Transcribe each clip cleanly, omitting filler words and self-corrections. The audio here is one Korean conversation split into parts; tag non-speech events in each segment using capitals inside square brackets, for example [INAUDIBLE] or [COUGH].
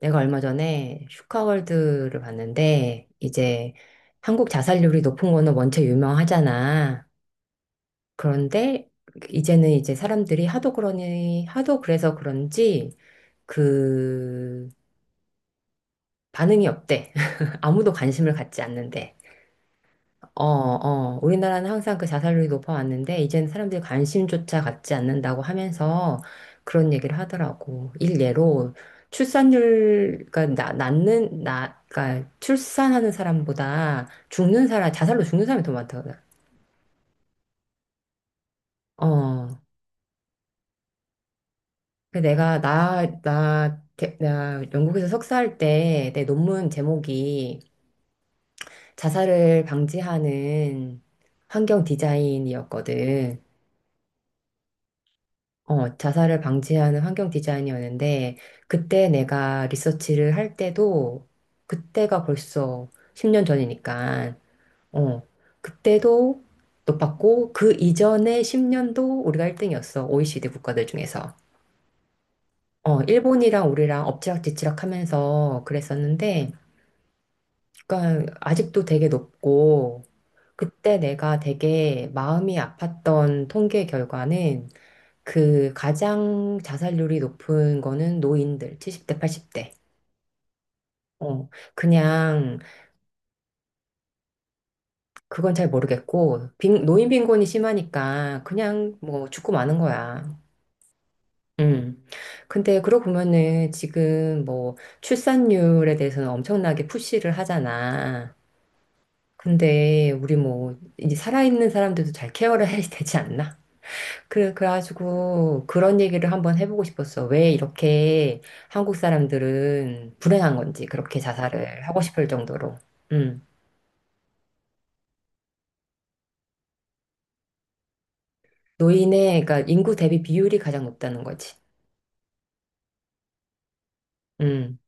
내가 얼마 전에 슈카월드를 봤는데, 이제 한국 자살률이 높은 거는 원체 유명하잖아. 그런데 이제는 이제 사람들이 하도 그래서 그런지 그 반응이 없대. [LAUGHS] 아무도 관심을 갖지 않는데. 어, 어, 우리나라는 항상 그 자살률이 높아왔는데, 이제는 사람들이 관심조차 갖지 않는다고 하면서 그런 얘기를 하더라고. 일례로 출산율, 그러니까 그러니까 출산하는 사람보다 죽는 사람, 자살로 죽는 사람이 더 많다거든. 어. 그 내가 나 영국에서 석사할 때 내 논문 제목이 자살을 방지하는 환경 디자인이었거든. 어, 자살을 방지하는 환경 디자인이었는데, 그때 내가 리서치를 할 때도, 그때가 벌써 10년 전이니까, 어, 그때도 높았고, 그 이전에 10년도 우리가 1등이었어. OECD 국가들 중에서. 어, 일본이랑 우리랑 엎치락뒤치락 하면서 그랬었는데, 그러니까 아직도 되게 높고, 그때 내가 되게 마음이 아팠던 통계 결과는 그 가장 자살률이 높은 거는 노인들 70대, 80대. 어, 그냥 그건 잘 모르겠고 노인 빈곤이 심하니까 그냥 뭐 죽고 마는 거야. 음. 근데 그러고 보면은 지금 뭐 출산율에 대해서는 엄청나게 푸시를 하잖아. 근데 우리 뭐 이제 살아있는 사람들도 잘 케어를 해야 되지 않나? 그래, 그래가지고 그런 얘기를 한번 해보고 싶었어. 왜 이렇게 한국 사람들은 불행한 건지, 그렇게 자살을 하고 싶을 정도로. 음. 노인의, 그러니까 인구 대비 비율이 가장 높다는 거지. 음.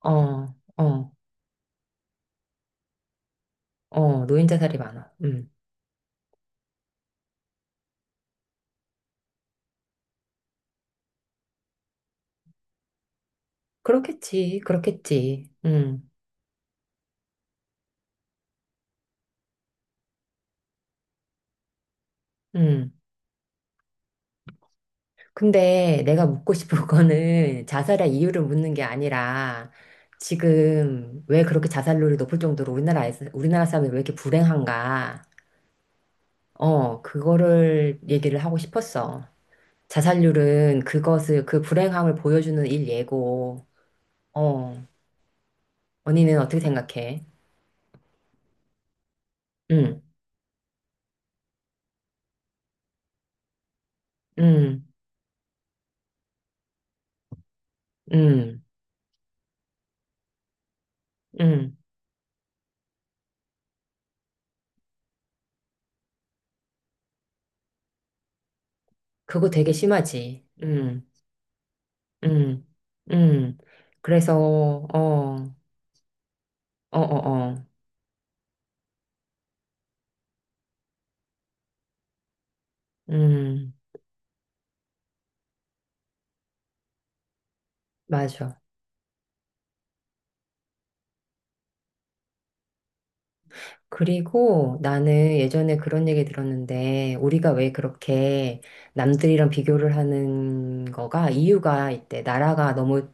어, 어, 어, 노인 자살이 많아. 음. 그렇겠지, 그렇겠지. 음. 근데 내가 묻고 싶은 [LAUGHS] 거는 자살의 이유를 묻는 게 아니라 지금 왜 그렇게 자살률이 높을 정도로 우리나라에서, 우리나라 사람이 왜 이렇게 불행한가? 어, 그거를 얘기를 하고 싶었어. 자살률은 그것을, 그 불행함을 보여주는 일 예고. 어, 언니는 어떻게 생각해? 응, 응, 응, 응. 그거 되게 심하지. 응, 응, 응. 그래서, 어, 어, 어, 어. 음, 맞아. 그리고 나는 예전에 그런 얘기 들었는데, 우리가 왜 그렇게 남들이랑 비교를 하는 거가 이유가 있대. 나라가 너무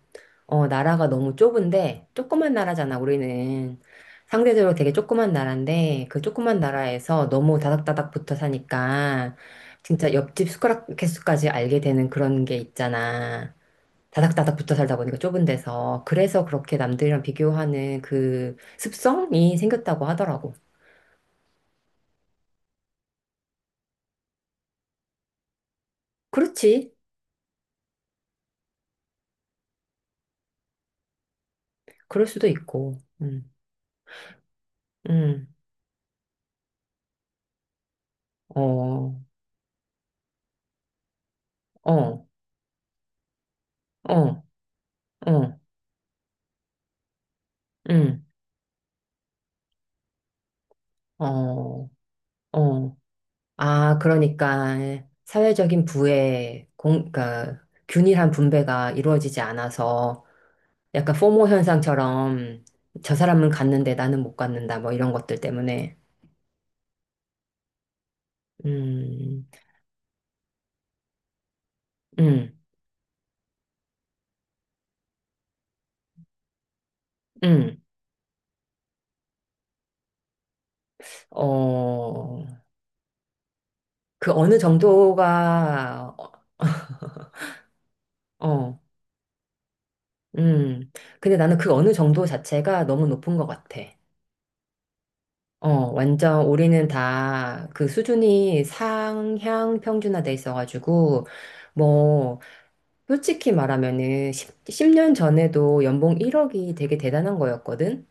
어, 나라가 너무 좁은데, 조그만 나라잖아, 우리는. 상대적으로 되게 조그만 나라인데, 그 조그만 나라에서 너무 다닥다닥 붙어 사니까, 진짜 옆집 숟가락 개수까지 알게 되는 그런 게 있잖아. 다닥다닥 붙어 살다 보니까 좁은 데서. 그래서 그렇게 남들이랑 비교하는 그 습성이 생겼다고 하더라고. 그렇지. 그럴 수도 있고. 음, 어, 어, 어, 어, 음, 어, 어. 아, 그러니까 사회적인 부의 그러니까 균일한 분배가 이루어지지 않아서 약간 포모 현상처럼 저 사람은 갔는데 나는 못 갔는다 뭐 이런 것들 때문에 음, 음, 음, 어, 그 어느 정도가 어, 음, 근데 나는 그 어느 정도 자체가 너무 높은 것 같아. 어, 완전 우리는 다 그 수준이 상향 평준화돼 있어가지고 뭐 솔직히 말하면은 10, 년 전에도 연봉 1억이 되게 대단한 거였거든?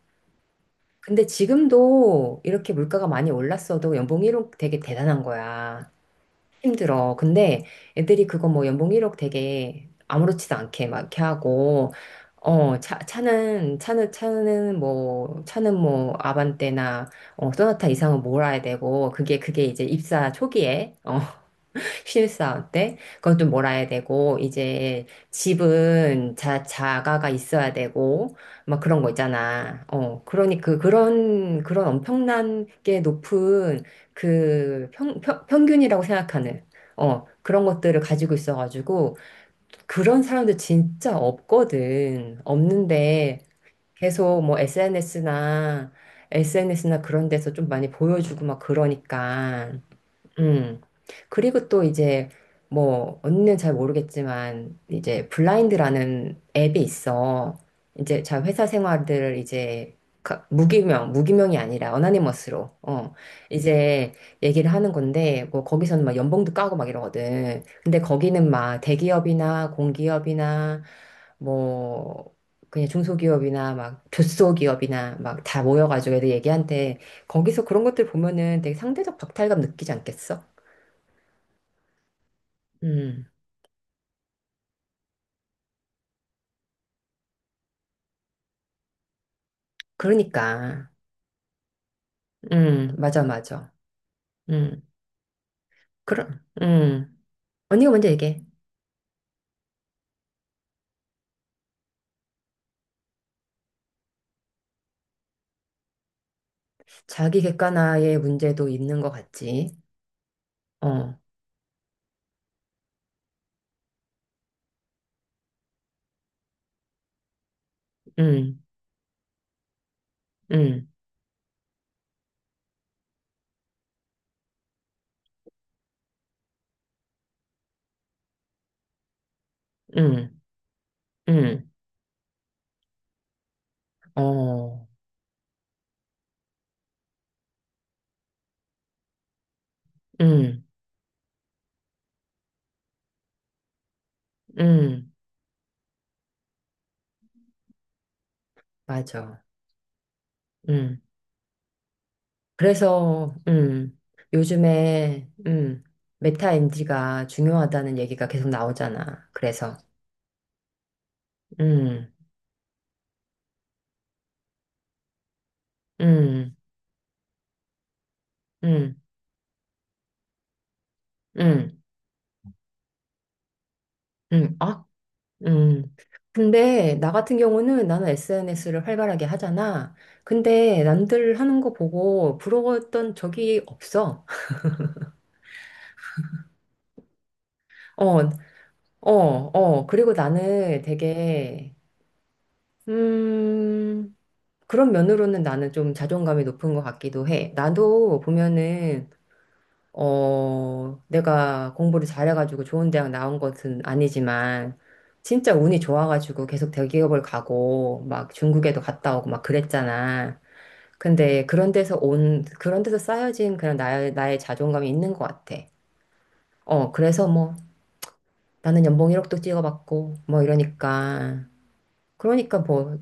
근데 지금도 이렇게 물가가 많이 올랐어도 연봉 1억 되게 대단한 거야. 힘들어. 근데 애들이 그거 뭐 연봉 1억 되게 아무렇지도 않게 막 이렇게 하고, 어, 차, 차는, 차는, 차는 뭐, 차는 뭐, 아반떼나, 어, 소나타 이상은 몰아야 되고, 그게 이제 입사 초기에, 신입사원 때. 그것도 몰아야 되고, 이제 집은 자가가 있어야 되고, 막 그런 거 있잖아. 어, 그러니 그런 엄청난 게 높은 그 평균이라고 생각하는, 어, 그런 것들을 가지고 있어가지고, 그런 사람들 진짜 없거든. 없는데, 계속 뭐 SNS나 그런 데서 좀 많이 보여주고 막 그러니까. 음. 그리고 또 이제 뭐 언니는 잘 모르겠지만 이제 블라인드라는 앱이 있어. 이제 자 회사 생활들을 이제 무기명, 무기명이 아니라 어나니머스로 이제 얘기를 하는 건데 뭐 거기서는 막 연봉도 까고 막 이러거든. 근데 거기는 막 대기업이나 공기업이나 뭐 그냥 중소기업이나 막 조소기업이나 막 다 모여가지고 애들 얘기한테 거기서 그런 것들 보면은 되게 상대적 박탈감 느끼지 않겠어? 음, 그러니까. 맞아, 맞아. 음, 그럼, 언니가 먼저 얘기해. 자기 객관화의 문제도 있는 것 같지. 어, 음, 음, 음, 음, 어, 음, 음, 맞아. 음, 그래서 요즘에 메타 MD가 중요하다는 얘기가 계속 나오잖아. 그래서. 음, 음, 음, 음. 아, 음. 근데 나 같은 경우는 나는 SNS를 활발하게 하잖아. 근데 남들 하는 거 보고 부러웠던 적이 없어. [LAUGHS] 어, 어, 어. 그리고 나는 되게, 음, 그런 면으로는 나는 좀 자존감이 높은 것 같기도 해. 나도 보면은 내가 공부를 잘해가지고 좋은 대학 나온 것은 아니지만, 진짜 운이 좋아가지고 계속 대기업을 가고, 막 중국에도 갔다 오고 막 그랬잖아. 근데 그런 데서 쌓여진 그냥 나의 자존감이 있는 것 같아. 그래서 뭐, 나는 연봉 1억도 찍어봤고, 뭐 이러니까. 그러니까 뭐,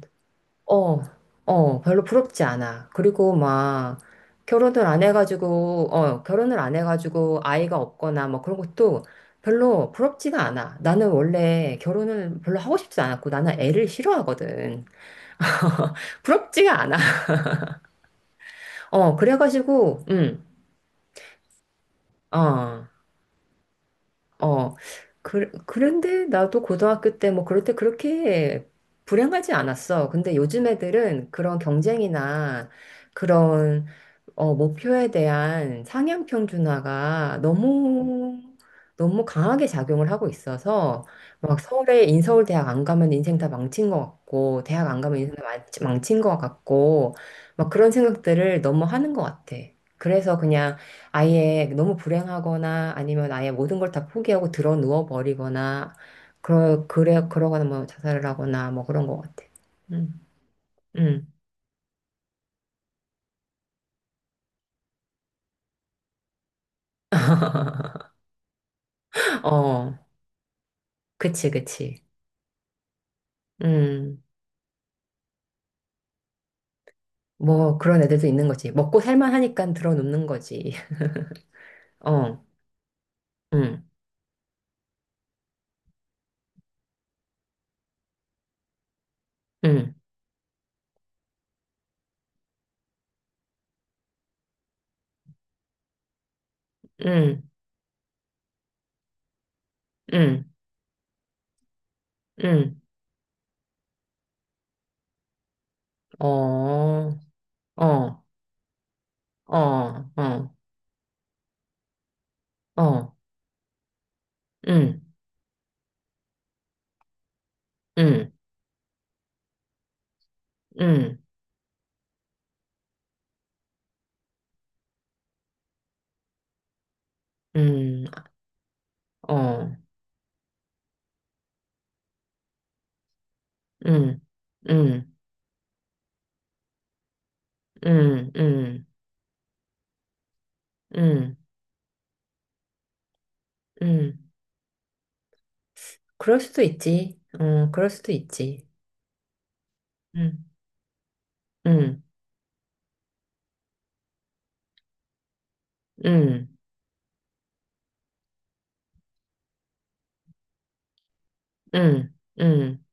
어, 별로 부럽지 않아. 그리고 막 결혼을 안 해가지고 아이가 없거나 뭐 그런 것도 별로 부럽지가 않아. 나는 원래 결혼을 별로 하고 싶지 않았고 나는 애를 싫어하거든. 부럽지가 않아. [LAUGHS] 어, 그래가지고, 어, 어. 그런데 나도 고등학교 때 뭐 그럴 때 그렇게 불행하지 않았어. 근데 요즘 애들은 그런 경쟁이나 그런 목표에 대한 상향 평준화가 너무 너무 강하게 작용을 하고 있어서 막 서울에 인서울 대학 안 가면 인생 다 망친 것 같고 대학 안 가면 인생 다 망친 것 같고 막 그런 생각들을 너무 하는 것 같아. 그래서 그냥 아예 너무 불행하거나 아니면 아예 모든 걸 다 포기하고 들어 누워 버리거나 그러거나 뭐 자살을 하거나 뭐 그런 것 같아. 음, 음, 어, 그치, 그치. 음. 뭐 그런 애들도 있는 거지. 먹고 살만하니까 들어눕는 거지. [LAUGHS] 어, 응, 응, 응, 응, 응, 어, 어, 어, 어, 어, 응, 응, 응, 응, 어, 응, 응, 응, 응, 응, 응. 그럴 수도 있지. 어, 그럴 수도 있지. 응, 응, 응, 응, 응,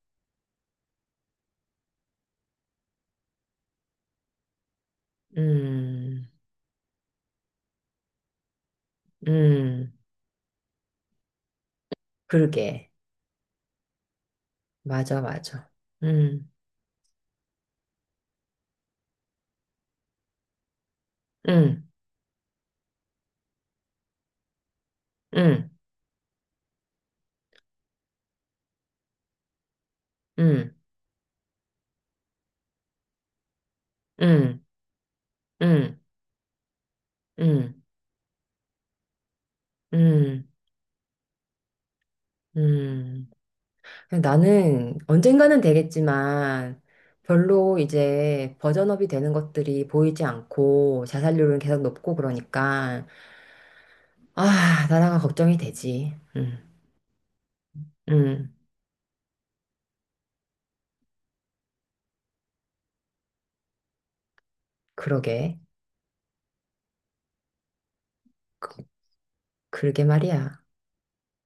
응, 응. 그러게. 맞아, 맞아. 응. 응. 응, 응, 응, 응, 응, 응, 응. 나는 언젠가는 되겠지만 별로 이제 버전업이 되는 것들이 보이지 않고 자살률은 계속 높고 그러니까 아, 나라가 걱정이 되지. 응, 응, 그러게. 그, 그러게 말이야.